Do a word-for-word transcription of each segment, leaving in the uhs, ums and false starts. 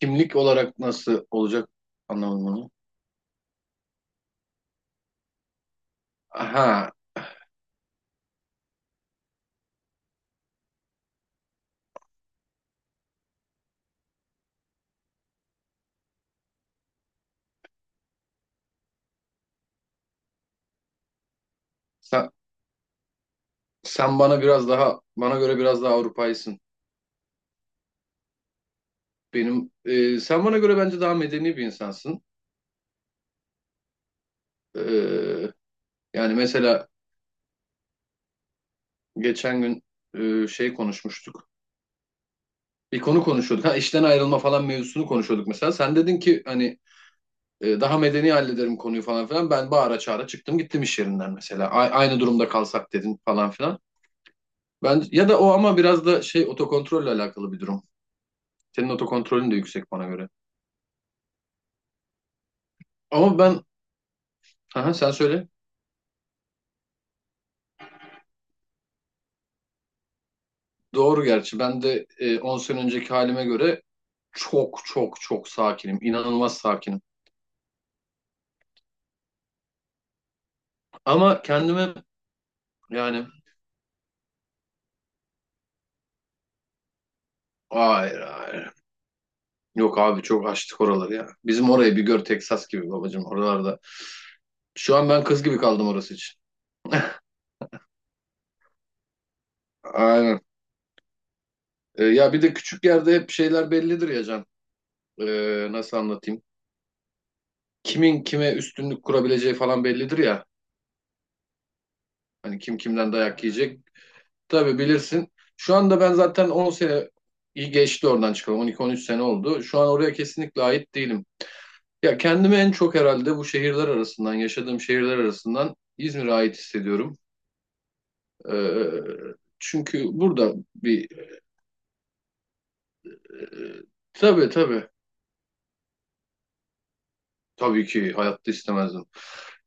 Kimlik olarak nasıl olacak anlamadım onu. Aha, sen, sen bana biraz daha, bana göre biraz daha Avrupaysın. Benim, e, sen bana göre bence daha medeni bir insansın. E, Yani mesela geçen gün e, şey konuşmuştuk. Bir konu konuşuyorduk. Ha, işten ayrılma falan mevzusunu konuşuyorduk mesela. Sen dedin ki hani e, daha medeni hallederim konuyu falan filan. Ben bağıra çağıra çıktım gittim iş yerinden mesela. A- aynı durumda kalsak dedin falan filan. Ben, ya da o ama biraz da şey otokontrolle alakalı bir durum. Senin otokontrolün de yüksek bana göre. Ama ben, aha, sen söyle. Doğru gerçi. Ben de e, on sene önceki halime göre çok çok çok sakinim. İnanılmaz sakinim. Ama kendime yani hayır hayır. Yok abi çok açtık oraları ya. Bizim orayı bir gör Texas gibi babacığım oralarda. Şu an ben kız gibi kaldım orası için. Aynen. E, ya bir de küçük yerde hep şeyler bellidir ya Can. E, Nasıl anlatayım? Kimin kime üstünlük kurabileceği falan bellidir ya. Hani kim kimden dayak yiyecek. Tabii bilirsin. Şu anda ben zaten on sene iyi geçti oradan çıkalım. on iki on üç sene oldu. Şu an oraya kesinlikle ait değilim. Ya kendimi en çok herhalde bu şehirler arasından, yaşadığım şehirler arasından İzmir'e ait hissediyorum. Ee, çünkü burada bir... e, tabii tabii. Tabii ki hayatta istemezdim.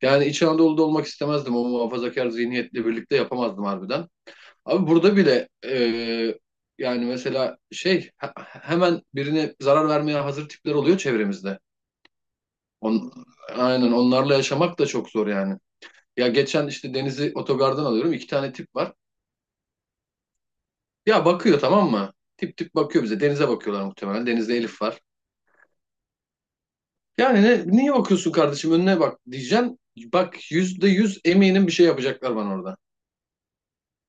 Yani İç Anadolu'da olmak istemezdim. O muhafazakar zihniyetle birlikte yapamazdım harbiden. Abi burada bile eee, yani mesela şey he- hemen birine zarar vermeye hazır tipler oluyor çevremizde. On, aynen onlarla yaşamak da çok zor yani. Ya geçen işte Deniz'i otogardan alıyorum. İki tane tip var. Ya bakıyor tamam mı? Tip tip bakıyor bize. Deniz'e bakıyorlar muhtemelen. Deniz'de Elif var. Yani ne, niye bakıyorsun kardeşim önüne bak diyeceksin. Bak yüzde yüz eminim bir şey yapacaklar bana orada.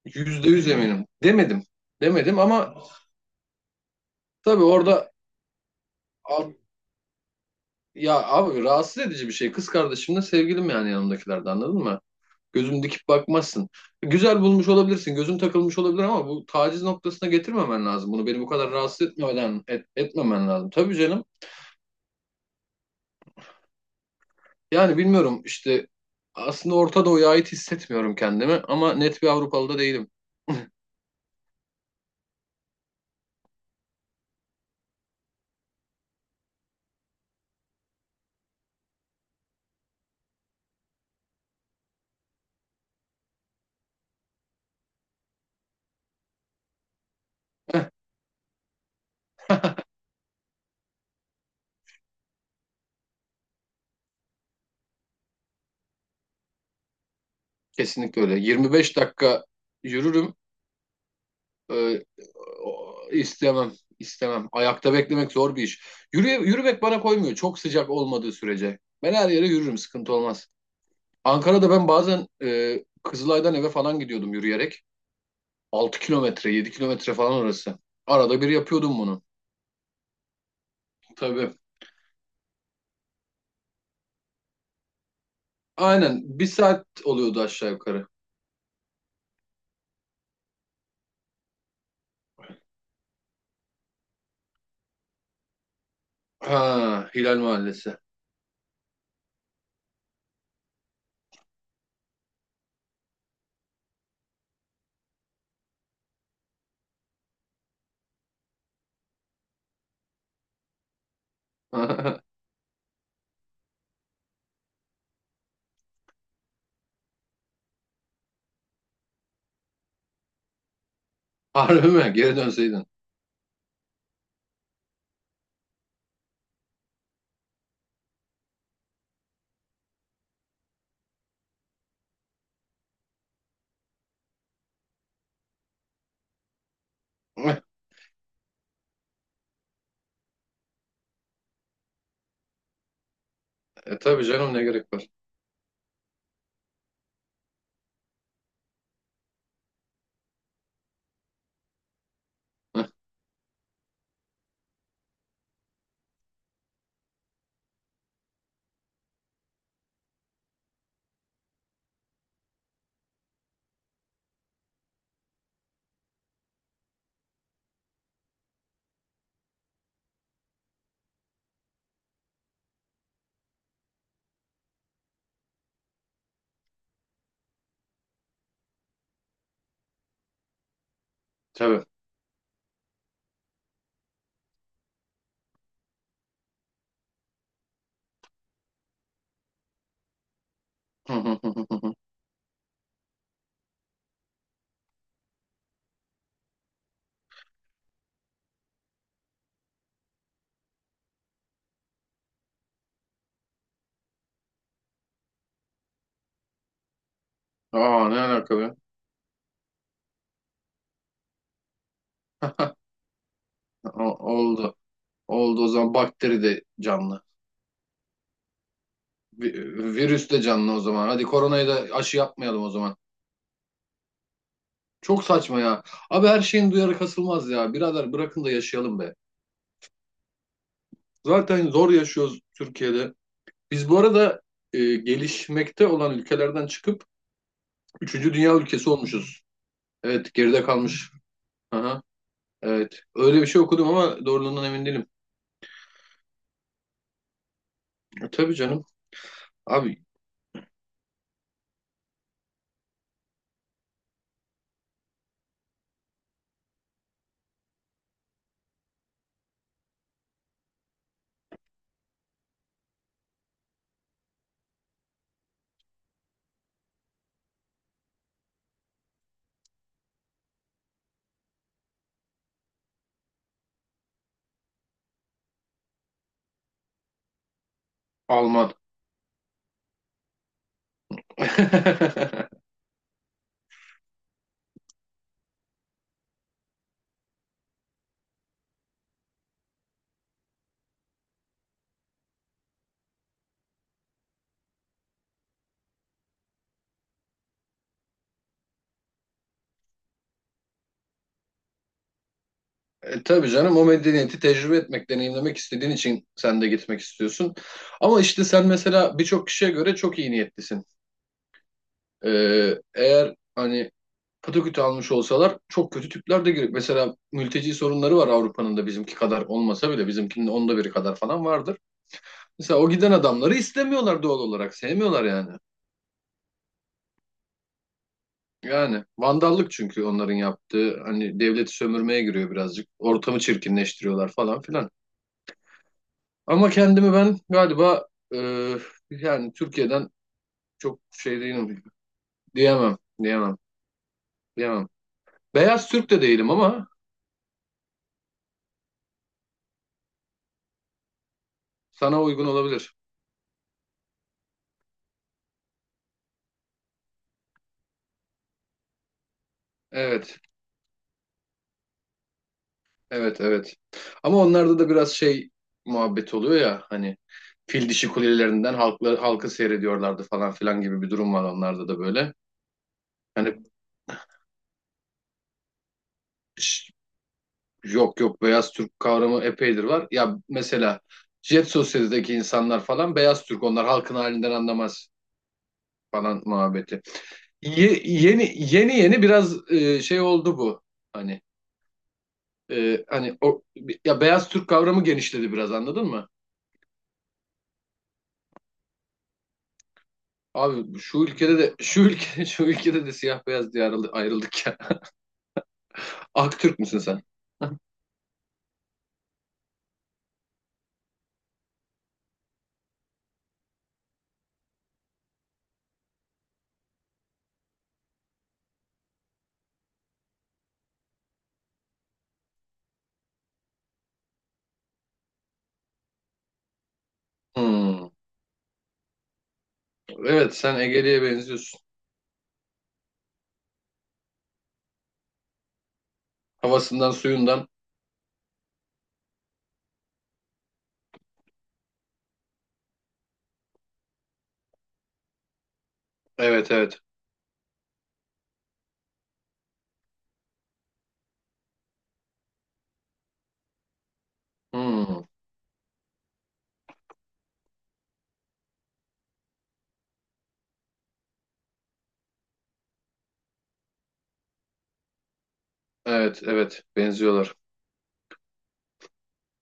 Yüzde yüz eminim. Demedim. Demedim ama tabii orada. Ya abi rahatsız edici bir şey. Kız kardeşimle sevgilim yani yanımdakilerde anladın mı? Gözünü dikip bakmazsın. Güzel bulmuş olabilirsin. Gözün takılmış olabilir ama bu taciz noktasına getirmemen lazım. Bunu beni bu kadar rahatsız etmeden et, etmemen lazım. Tabii canım. Yani bilmiyorum işte aslında Orta Doğu'ya ait hissetmiyorum kendimi ama net bir Avrupalı da değilim. Kesinlikle öyle. yirmi beş dakika yürürüm. Ee, istemem, istemem. Ayakta beklemek zor bir iş. Yürü, yürümek bana koymuyor. Çok sıcak olmadığı sürece. Ben her yere yürürüm, sıkıntı olmaz. Ankara'da ben bazen e, Kızılay'dan eve falan gidiyordum yürüyerek. Altı kilometre, yedi kilometre falan orası. Arada bir yapıyordum bunu. Tabii. Aynen. Bir saat oluyordu aşağı yukarı. Ha, Hilal Mahallesi. Harbi mi? Geri dönseydin. E, tabii canım ne gerek var. Tabii. Aa ne alaka be? O- oldu. Oldu o zaman bakteri de canlı. Vi- Virüs de canlı o zaman. Hadi koronayı da aşı yapmayalım o zaman. Çok saçma ya. Abi her şeyin duyarı kasılmaz ya. Birader bırakın da yaşayalım be. Zaten zor yaşıyoruz Türkiye'de. Biz bu arada e, gelişmekte olan ülkelerden çıkıp üçüncü dünya ülkesi olmuşuz. Evet geride kalmış. Aha, evet. Öyle bir şey okudum ama doğruluğundan emin değilim. E, tabii canım. Abi Alman. E, tabii canım o medeniyeti tecrübe etmek, deneyimlemek istediğin için sen de gitmek istiyorsun. Ama işte sen mesela birçok kişiye göre çok iyi niyetlisin. E, Eğer hani patakütü almış olsalar çok kötü tipler de girip mesela mülteci sorunları var Avrupa'nın da bizimki kadar olmasa bile bizimkinin onda biri kadar falan vardır. Mesela o giden adamları istemiyorlar doğal olarak sevmiyorlar yani. Yani vandallık çünkü onların yaptığı hani devleti sömürmeye giriyor birazcık. Ortamı çirkinleştiriyorlar falan filan. Ama kendimi ben galiba e, yani Türkiye'den çok şey değilim. Diyemem, diyemem, diyemem. Beyaz Türk de değilim ama sana uygun olabilir. Evet, evet, evet. Ama onlarda da biraz şey muhabbet oluyor ya hani fil dişi kulelerinden halkı, halkı seyrediyorlardı falan filan gibi bir durum var onlarda da böyle. Hani şş, yok yok beyaz Türk kavramı epeydir var. Ya mesela Jet Sosyete'deki insanlar falan beyaz Türk onlar halkın halinden anlamaz. Falan muhabbeti. Ye- yeni yeni yeni biraz e, şey oldu bu. Hani e, hani o ya beyaz Türk kavramı genişledi biraz anladın mı? Abi şu ülkede de şu ülke şu ülkede de siyah beyaz diye ayrıldı- ayrıldık ya. Aktürk müsün sen? Hmm. Evet sen Ege'liye benziyorsun. Havasından suyundan. Evet evet. Hmm. Evet evet benziyorlar.